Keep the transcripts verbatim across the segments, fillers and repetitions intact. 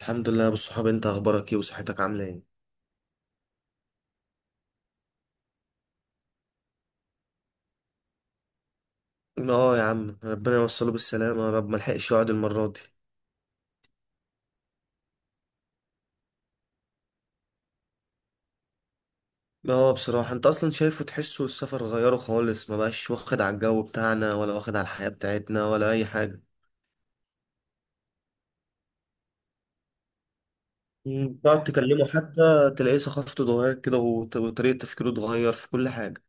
الحمد لله يا ابو الصحاب، انت اخبارك ايه وصحتك عامله ايه؟ اه يا عم، ربنا يوصله بالسلامه يا رب. ما لحقش يقعد المره دي. اه بصراحه، انت اصلا شايفه، تحسه السفر غيره خالص. ما بقاش واخد على الجو بتاعنا ولا واخد على الحياه بتاعتنا ولا اي حاجه. مم، تقعد تكلمه حتى تلاقيه ثقافته اتغيرت كده، وط- وطريقه تفكيره اتغير في كل حاجه.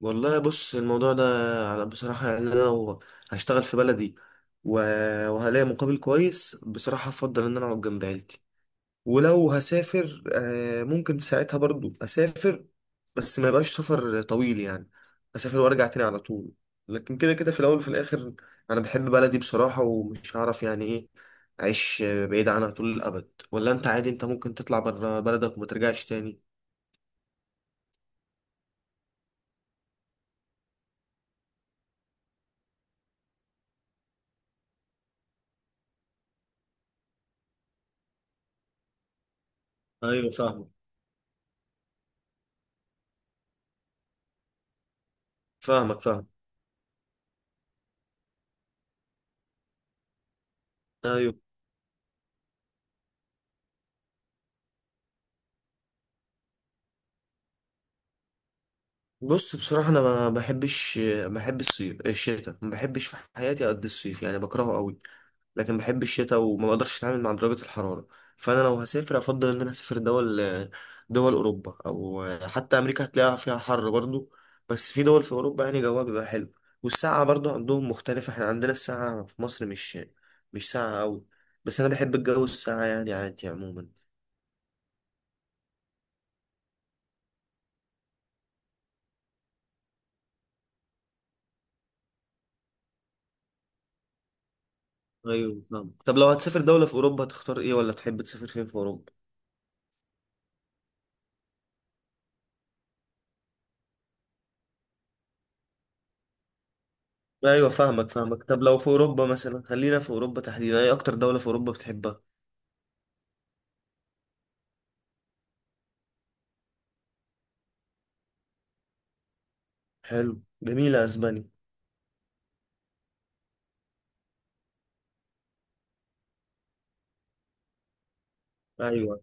والله بص، الموضوع ده على- بصراحه، يعني انا لو هشتغل في بلدي و- وهلاقي مقابل كويس بصراحه، افضل ان انا اقعد جنب عيلتي. ولو هسافر آه، ممكن ساعتها برضو اسافر، بس ما يبقاش سفر طويل يعني. اسافر وارجع تاني على طول. لكن كده كده، في الاول وفي الاخر انا بحب بلدي بصراحة، ومش هعرف يعني ايه اعيش آه، بعيد عنها طول الابد. ولا انت عادي؟ انت ممكن تطلع بره بلدك وما ترجعش تاني. ايوه فاهمك. فاهمك فاهم. ايوه بص، بصراحة أنا ما بحبش. بحب الصيف؟ الشتاء ما بحبش في حياتي قد الصيف يعني، بكرهه قوي. لكن بحب الشتاء، وما بقدرش أتعامل مع درجة الحرارة. فأنا لو هسافر أفضل إن أنا أسافر دول دول أوروبا، أو حتى أمريكا هتلاقيها فيها حر برضو. بس في دول في أوروبا يعني جوها بيبقى حلو. والساعة برضو عندهم مختلفة، إحنا عندنا الساعة في مصر مش مش ساعة قوي. بس أنا بحب الجو، الساعة يعني عادي عموما. ايوه فاهم. طب لو هتسافر دولة في أوروبا هتختار إيه؟ ولا تحب تسافر فين في أوروبا؟ ايوه فاهمك فاهمك. طب لو في اوروبا مثلا، خلينا في اوروبا تحديدا، ايه اكتر دولة في اوروبا بتحبها؟ حلو، جميلة اسبانيا. ايوه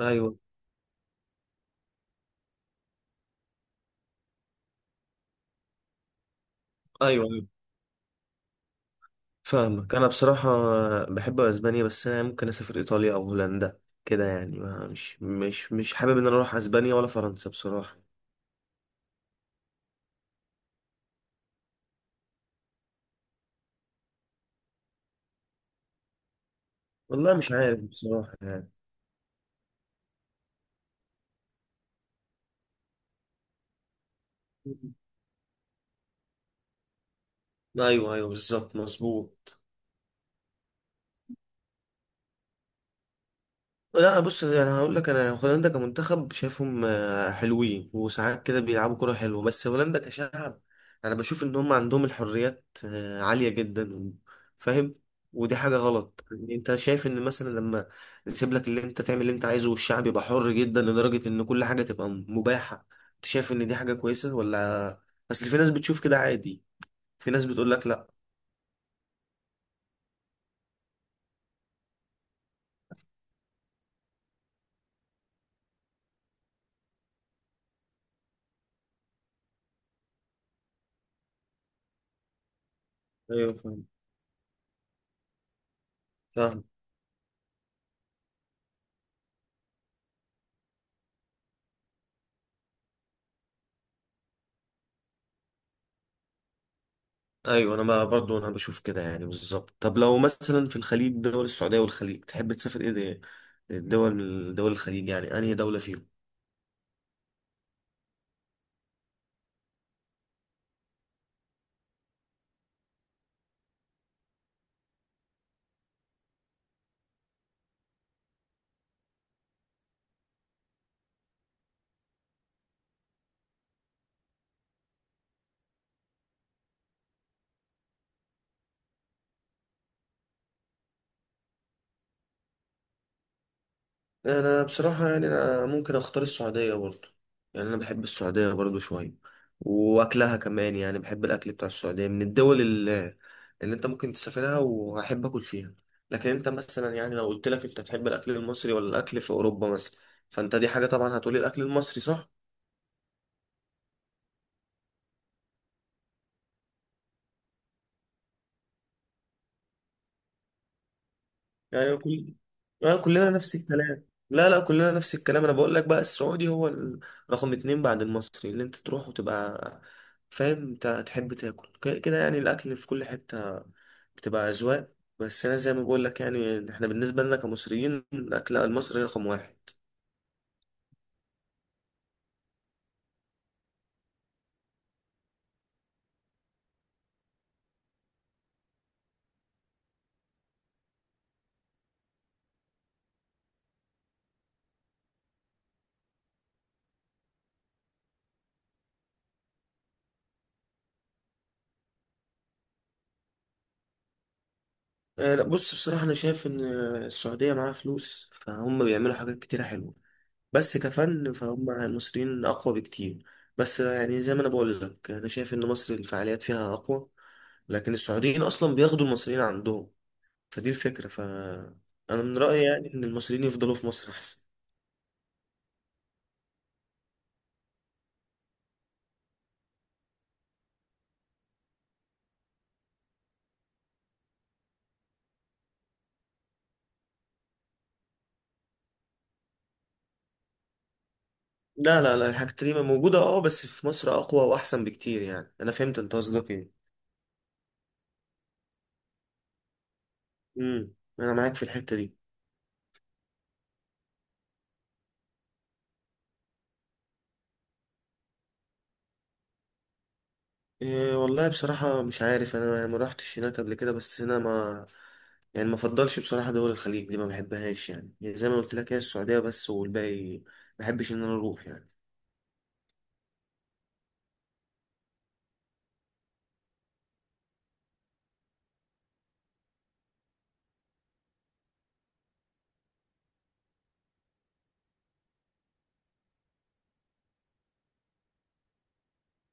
ايوه. ايوه ايوه فاهمك. انا بصراحة بحب اسبانيا، بس انا ممكن اسافر ايطاليا او هولندا كده يعني. ما مش مش مش حابب ان انا اروح اسبانيا ولا فرنسا بصراحة. والله مش عارف بصراحة يعني. ايوه ايوه، بالظبط مظبوط. لا بص، انا هقول لك، انا هولندا كمنتخب شايفهم آه، حلوين، وساعات كده بيلعبوا كرة حلوة. بس هولندا كشعب، انا بشوف ان هم عندهم الحريات آه، عالية جدا. فاهم. ودي حاجة غلط. يعني انت شايف ان مثلا لما نسيب لك اللي انت تعمل اللي انت عايزه، والشعب يبقى حر جدا لدرجة ان كل حاجة تبقى مباحة، انت شايف ان دي حاجة كويسة ولا؟ اصل في ناس بتشوف كده عادي، في ناس بتقول لك لا. ايوه فاهم. ايوه، انا ما برضو انا بشوف كده يعني، بالظبط. طب لو مثلا في الخليج، دول السعوديه والخليج، تحب تسافر ايه، ده الدول من دول الخليج، يعني انهي دوله فيهم؟ انا بصراحه، يعني انا ممكن اختار السعوديه برضو. يعني انا بحب السعوديه برضو شويه، واكلها كمان. يعني بحب الاكل بتاع السعوديه، من الدول اللي, اللي انت ممكن تسافرها وهحب اكل فيها. لكن انت مثلا، يعني لو قلت لك انت تحب الاكل المصري ولا الاكل في اوروبا مثلا، فانت دي حاجه طبعا هتقولي الاكل المصري، صح؟ يعني كل... آه، كلنا نفس الكلام. لا لا، كلنا نفس الكلام. انا بقول لك بقى، السعودي هو ال- رقم اتنين بعد المصري، اللي انت تروح وتبقى فاهم انت تحب تاكل ك- كده. يعني الاكل في كل حتة بتبقى اذواق، بس انا زي ما بقول لك، يعني احنا بالنسبة لنا كمصريين الاكل المصري رقم واحد. آه، لا بص، بصراحة انا شايف ان السعودية معاها فلوس، فهم بيعملوا حاجات كتيرة حلوة. بس كفن فهم المصريين اقوى بكتير. بس يعني زي ما انا بقول لك، انا شايف ان مصر الفعاليات فيها اقوى، لكن السعوديين اصلا بياخدوا المصريين عندهم. فدي الفكره ف انا من رايي يعني، ان المصريين يفضلوا في مصر احسن. لا لا لا، الحاجات دي موجوده اه، بس في مصر اقوى واحسن بكتير. يعني انا فهمت انت قصدك ايه. امم. انا معاك في الحته دي. إيه والله بصراحة مش عارف أنا، يعني ما روحتش هناك قبل كده، بس أنا ما يعني ما فضلش بصراحة. دول الخليج دي ما بحبهاش يعني. يعني زي ما قلت لك، هي السعودية بس، والباقي ما بحبش إن أنا أروح يعني.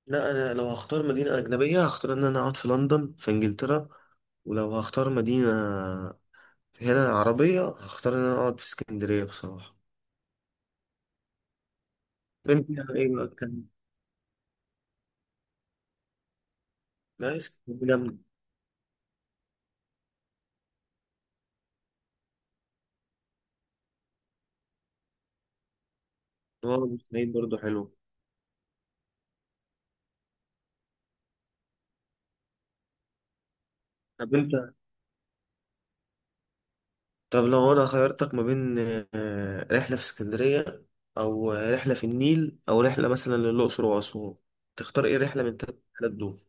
لا أنا لو هختار مدينة أجنبية هختار إن أنا أقعد في لندن في إنجلترا. ولو هختار مدينة هنا عربية هختار إن أنا أقعد في اسكندرية بصراحة. أنت يعني إيه بقى كان؟ لا، اسكندرية جامدة. والله بورسعيد برضه حلو. طب أنت. طب لو انا خيرتك ما بين آه، رحلة في اسكندرية، او آه، رحلة في النيل، او رحلة مثلا للأقصر وأسوان، تختار ايه رحلة من التلات رحلات دول؟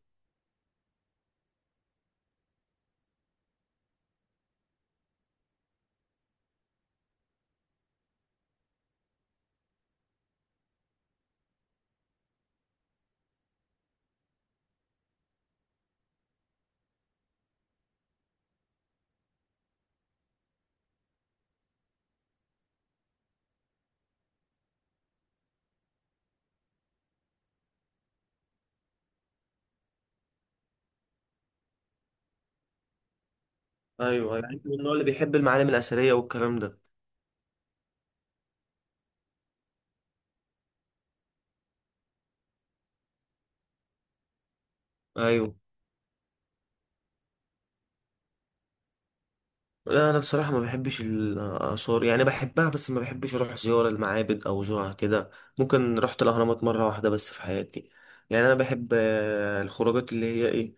ايوه، يعني انت من النوع اللي بيحب المعالم الأثرية والكلام ده. ايوه. لا انا بصراحة ما بحبش الآثار. يعني بحبها، بس ما بحبش اروح زيارة المعابد او زورها كده. ممكن رحت الأهرامات مرة واحدة بس في حياتي. يعني انا بحب آه، الخروجات، اللي هي ايه،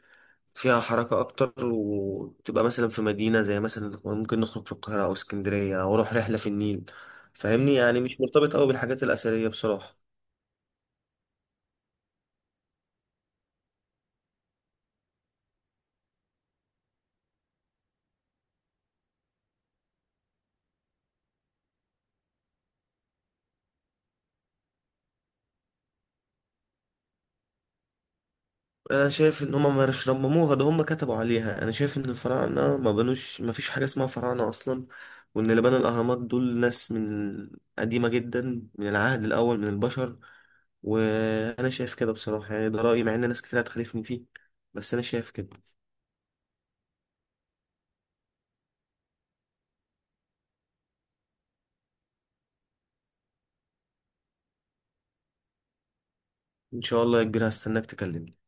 فيها حركة أكتر، وتبقى مثلا في مدينة، زي مثلا ممكن نخرج في القاهرة أو اسكندرية أو أروح رحلة في النيل. فاهمني يعني، مش مرتبط أوي بالحاجات الأثرية بصراحة. أنا شايف إن هما ما مش رمموها، ده هما كتبوا عليها. أنا شايف إن الفراعنة ما بنوش، ما فيش حاجة اسمها فراعنة أصلا. وإن اللي بنى الأهرامات دول ناس من قديمة جدا، من العهد الأول من البشر. وأنا شايف كده بصراحة، يعني ده رأيي، مع إن ناس كتير هتخالفني فيه، بس أنا شايف كده. إن شاء الله يا كبير، هستناك تكلمني.